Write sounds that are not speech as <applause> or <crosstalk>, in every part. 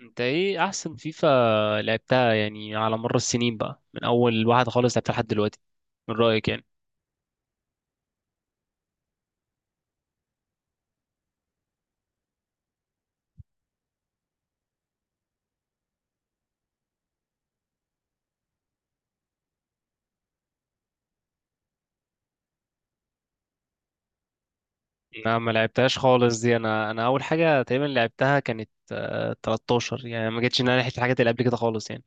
انت ايه احسن فيفا لعبتها، يعني، على مر السنين بقى من اول واحد خالص لعبتها لحد دلوقتي؟ من رأيك، يعني؟ انا ما لعبتهاش خالص دي. انا اول حاجة تقريبا لعبتها كانت 13، يعني ما جتش ان انا لحقت الحاجات اللي قبل كده خالص، يعني.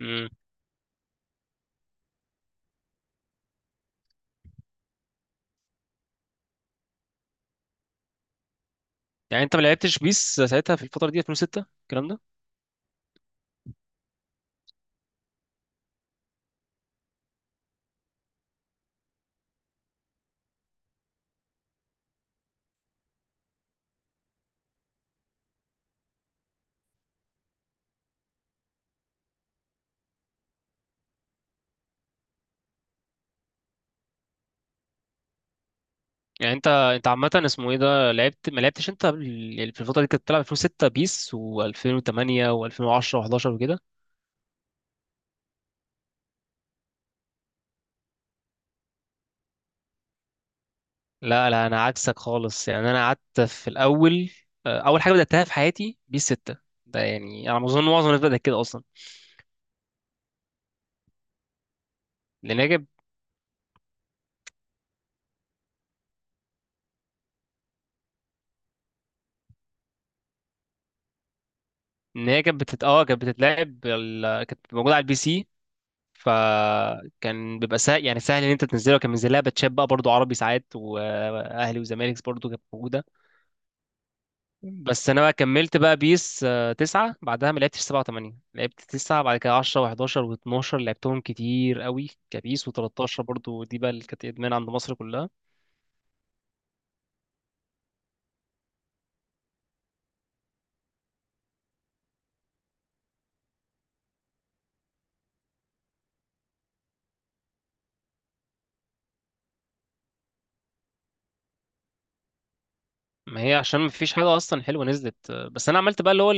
امم. يعني انت ما لعبتش بيس ساعتها في الفترة دي، 2006، الكلام ده؟ يعني انت عامة اسمه ايه ده، لعبت، ما لعبتش انت في الفترة دي كنت بتلعب 2006 بيس و2008 و2010 و11 وكده؟ لا، لا، انا عكسك خالص، يعني انا قعدت في الاول. اول حاجه بداتها في حياتي بيس 6. ده يعني انا اظن معظم الناس بدات كده اصلا. لان هي كانت، ان هي كانت بتت... اه كانت بتتلعب، كانت موجوده على البي سي. فكان بيبقى سهل يعني، سهل ان انت تنزلها، وكان منزلها باتشات بقى برضو عربي ساعات، واهلي وزمالك برضو كانت موجوده. بس انا بقى كملت بقى بيس 9 بعدها، ما لعبتش 7 و8، لعبت 9 بعد كده، 10 و11 و12 لعبتهم كتير قوي كبيس، و13 برضو دي بقى اللي كانت ادمان عند مصر كلها. ما هي عشان ما فيش حاجه اصلا حلوه نزلت، بس انا عملت بقى اللي هو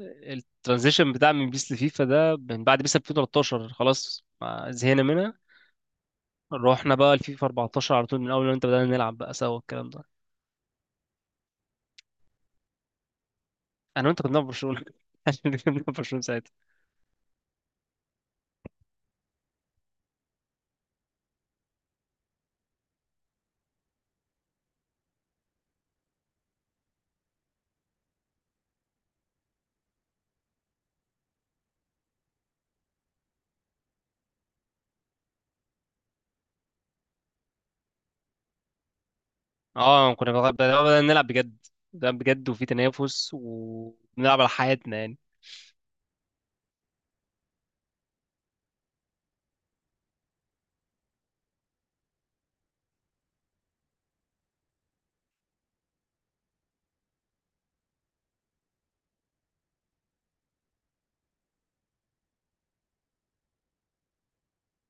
الترانزيشن بتاع من بيس لفيفا ده من بعد بيس 2013، خلاص ما زهقنا منها. رحنا بقى لفيفا 14 على طول من اول ما انت بدأنا نلعب بقى سوا الكلام ده. انا وانت كنا بنلعب برشلونه <laughs> عشان كنا بنلعب برشلونه ساعتها. اه، بدأنا نلعب بجد. ده بجد، وفي تنافس، وبنلعب على حياتنا، يعني.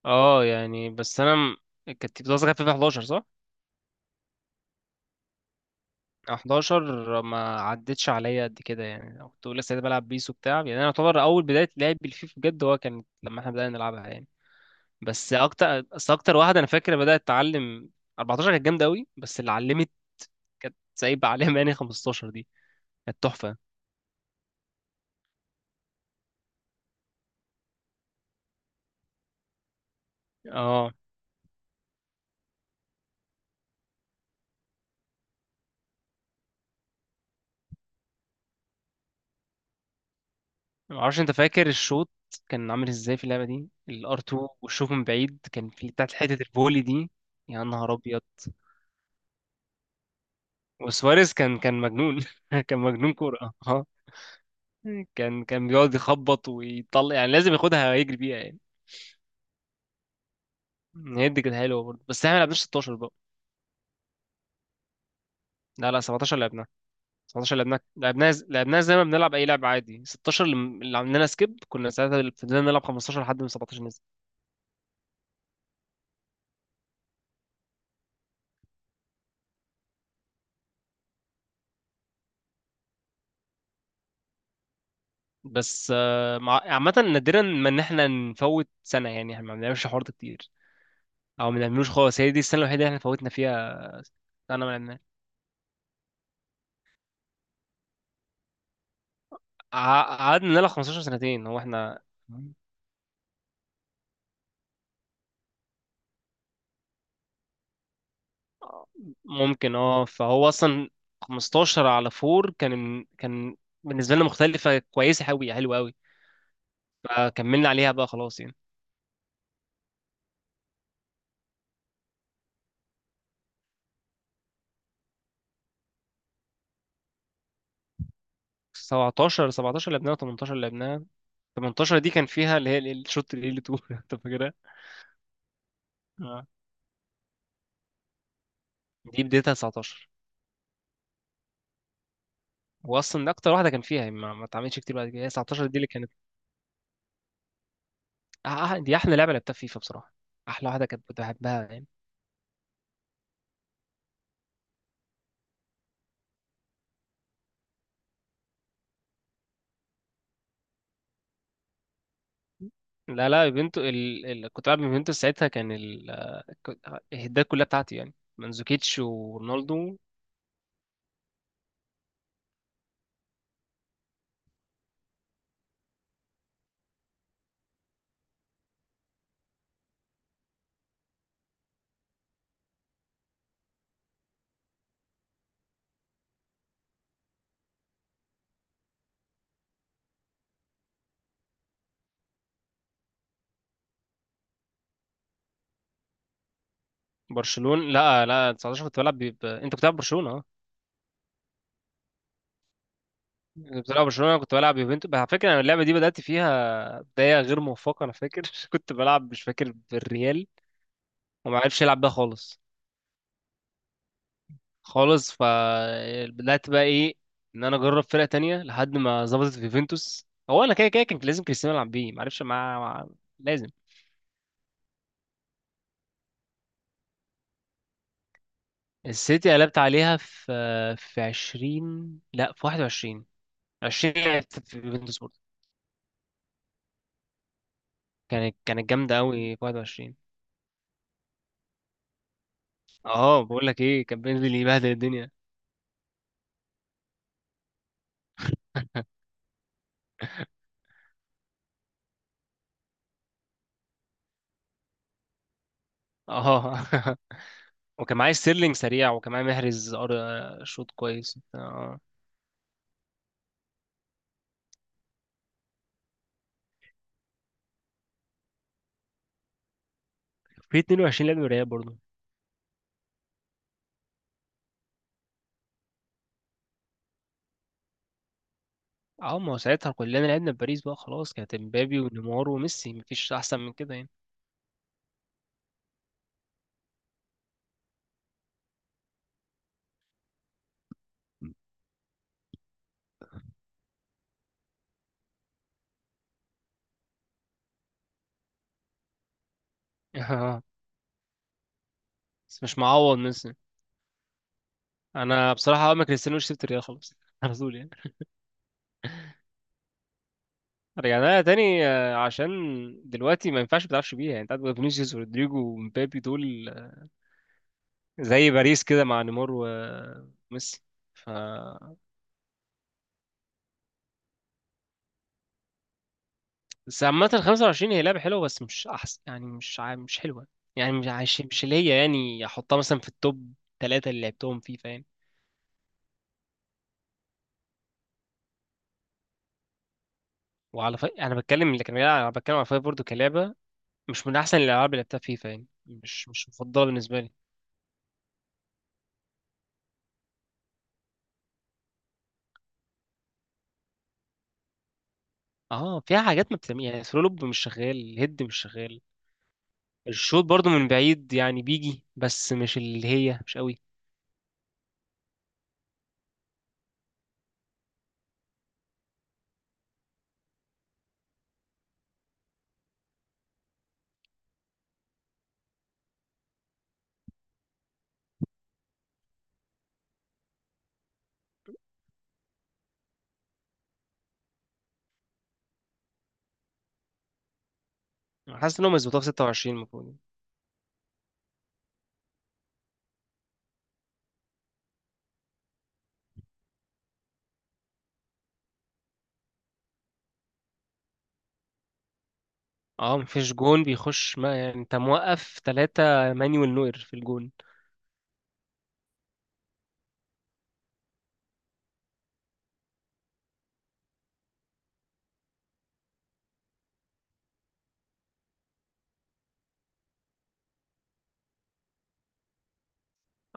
اه، يعني، بس، كانت بتوصل فيفا 11 صح؟ 11 ما عدتش عليا قد كده، يعني أنا كنت لسه بلعب بيس وبتاع، يعني انا يعتبر اول بدايه لعبي الفيفا بجد هو كان لما احنا بدانا نلعبها، يعني. بس اكتر واحده انا فاكر بدات اتعلم، 14، كانت جامده قوي، بس اللي علمت كانت سايبه عليها، يعني 15 دي. كانت تحفه. اه، ما اعرفش، انت فاكر الشوط كان عامل ازاي في اللعبه دي؟ الار 2 والشوط من بعيد كان في بتاعت حته الفولي دي. يا نهار ابيض! وسواريز كان مجنون <laughs> كان مجنون كوره، اه. كان بيقعد يخبط ويطلع، يعني لازم ياخدها يجري بيها، يعني. هي دي كانت حلوه برضه، بس احنا ما لعبناش 16 بقى. لا، لا، 17 لعبناها. 17 لعبناها لعبناها زي ما بنلعب اي لعبه عادي. 16 اللي عملنا سكيب كنا ساعتها، فضلنا نلعب 15 لحد ما 17 نزل. بس عامه نادرا ما ان احنا نفوت سنه، يعني احنا ما بنعملش حوار ده كتير او ما بنعملوش خالص. هي دي السنه الوحيده اللي احنا فوتنا فيها. انا ما لعبناها، قعدنا نلعب 15 سنتين هو احنا. ممكن، اه، فهو اصلا 15 على 4 كان بالنسبه لنا مختلفه، كويسه قوي، حلوه قوي. فكملنا عليها بقى خلاص، يعني. 17 لعبناها. 18 لعبناها. 18 دي كان فيها اللي هي الشوت اللي تو <laughs> انت فاكرها؟ آه. دي بدايتها 19. واصلا ده اكتر واحده كان فيها، يعني ما اتعملتش كتير بعد كده. هي 19 دي اللي كانت. آه، آه، دي احلى لعبه لعبتها في فيفا بصراحه. احلى واحده كانت بحبها، يعني. لا، لا، يوفنتوس. كنت بلعب يوفنتوس ساعتها. ك- الهدات كلها بتاعتي يعني منزوكيتش ورونالدو. برشلونة. لا، لا، 19 كنت بلعب ب... ب- انت كنت بتلعب برشلونة، اه. كنت بتلعب برشلونة، انا كنت بلعب يوفنتوس على فكرة. انا اللعبة دي بدأت فيها بداية غير موفقة، انا فاكر <laughs> كنت بلعب مش فاكر بالريال، وما عرفش يلعب بيها خالص خالص. فبدأت بقى ايه، ان انا اجرب فرقة تانية لحد ما ظبطت في يوفنتوس. هو انا كده كده كان لازم كريستيانو يلعب بيه، ما عرفش، لازم. السيتي قلبت عليها في 20، لا في 21. 20 لعبت في يوفنتوس برضه. كانت جامدة قوي في 21. اه، بقول لك ايه، كان بينزل يبهدل الدنيا. اه <laughs> وكان معايا ستيرلينج سريع، وكان معايا محرز شوط كويس، اه. في 22 لعب ريال برضه. اه، ما هو ساعتها كلنا لعبنا في باريس بقى خلاص، كانت امبابي ونيمار وميسي، مفيش احسن من كده، يعني. <laughs> اه، بس مش معوض ميسي. انا بصراحة اول ما كريستيانو سبت الريال خلاص <laughs> على طول، يعني. رجعنا لها تاني عشان دلوقتي ما ينفعش ما تلعبش بيها، يعني. انت عندك فينيسيوس ورودريجو ومبابي دول زي باريس كده مع نيمار وميسي. ف بس عامة ال 25 هي لعبة حلوة، بس مش أحسن، يعني مش حلوة، يعني مش عايش، مش اللي هي، يعني أحطها مثلا في التوب ثلاثة اللي لعبتهم فيفا، يعني. أنا بتكلم اللي كان بيلعب، أنا بتكلم على فيفا برضه كلعبة. مش من أحسن الألعاب اللي لعبتها فيفا، يعني مش مفضلة بالنسبة لي. اه، فيها حاجات ما بتعملها، يعني، ثرولوب مش شغال، الهيد مش شغال. الشوط برضو من بعيد يعني بيجي، بس مش اللي هي، مش قوي. حاسس انهم يظبطوها في 26 المفروض، يعني. اه، مفيش جون بيخش، ما يعني انت موقف ثلاثة مانويل نوير في الجون.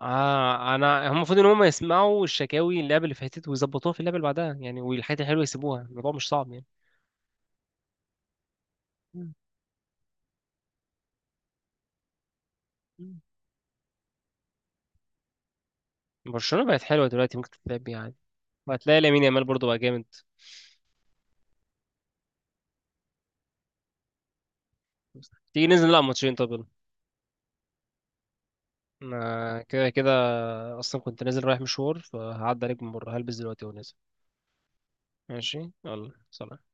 آه، هم المفروض ان هم يسمعوا الشكاوي اللعبة اللي فاتت ويظبطوها في اللعبة اللي بعدها، يعني، والحاجات الحلوة يسيبوها، الموضوع مش صعب، يعني. مم. مم. برشلونة بقت حلوة دلوقتي، ممكن تتلعب بيها عادي. وهتلاقي لامين يامال برضو بقى جامد. تيجي ننزل نلعب ماتشين؟ طب يلا. انا كده كده اصلا كنت نازل رايح مشوار، فهعدي عليك من بره، هلبس دلوقتي ونازل. ماشي يلا، سلام.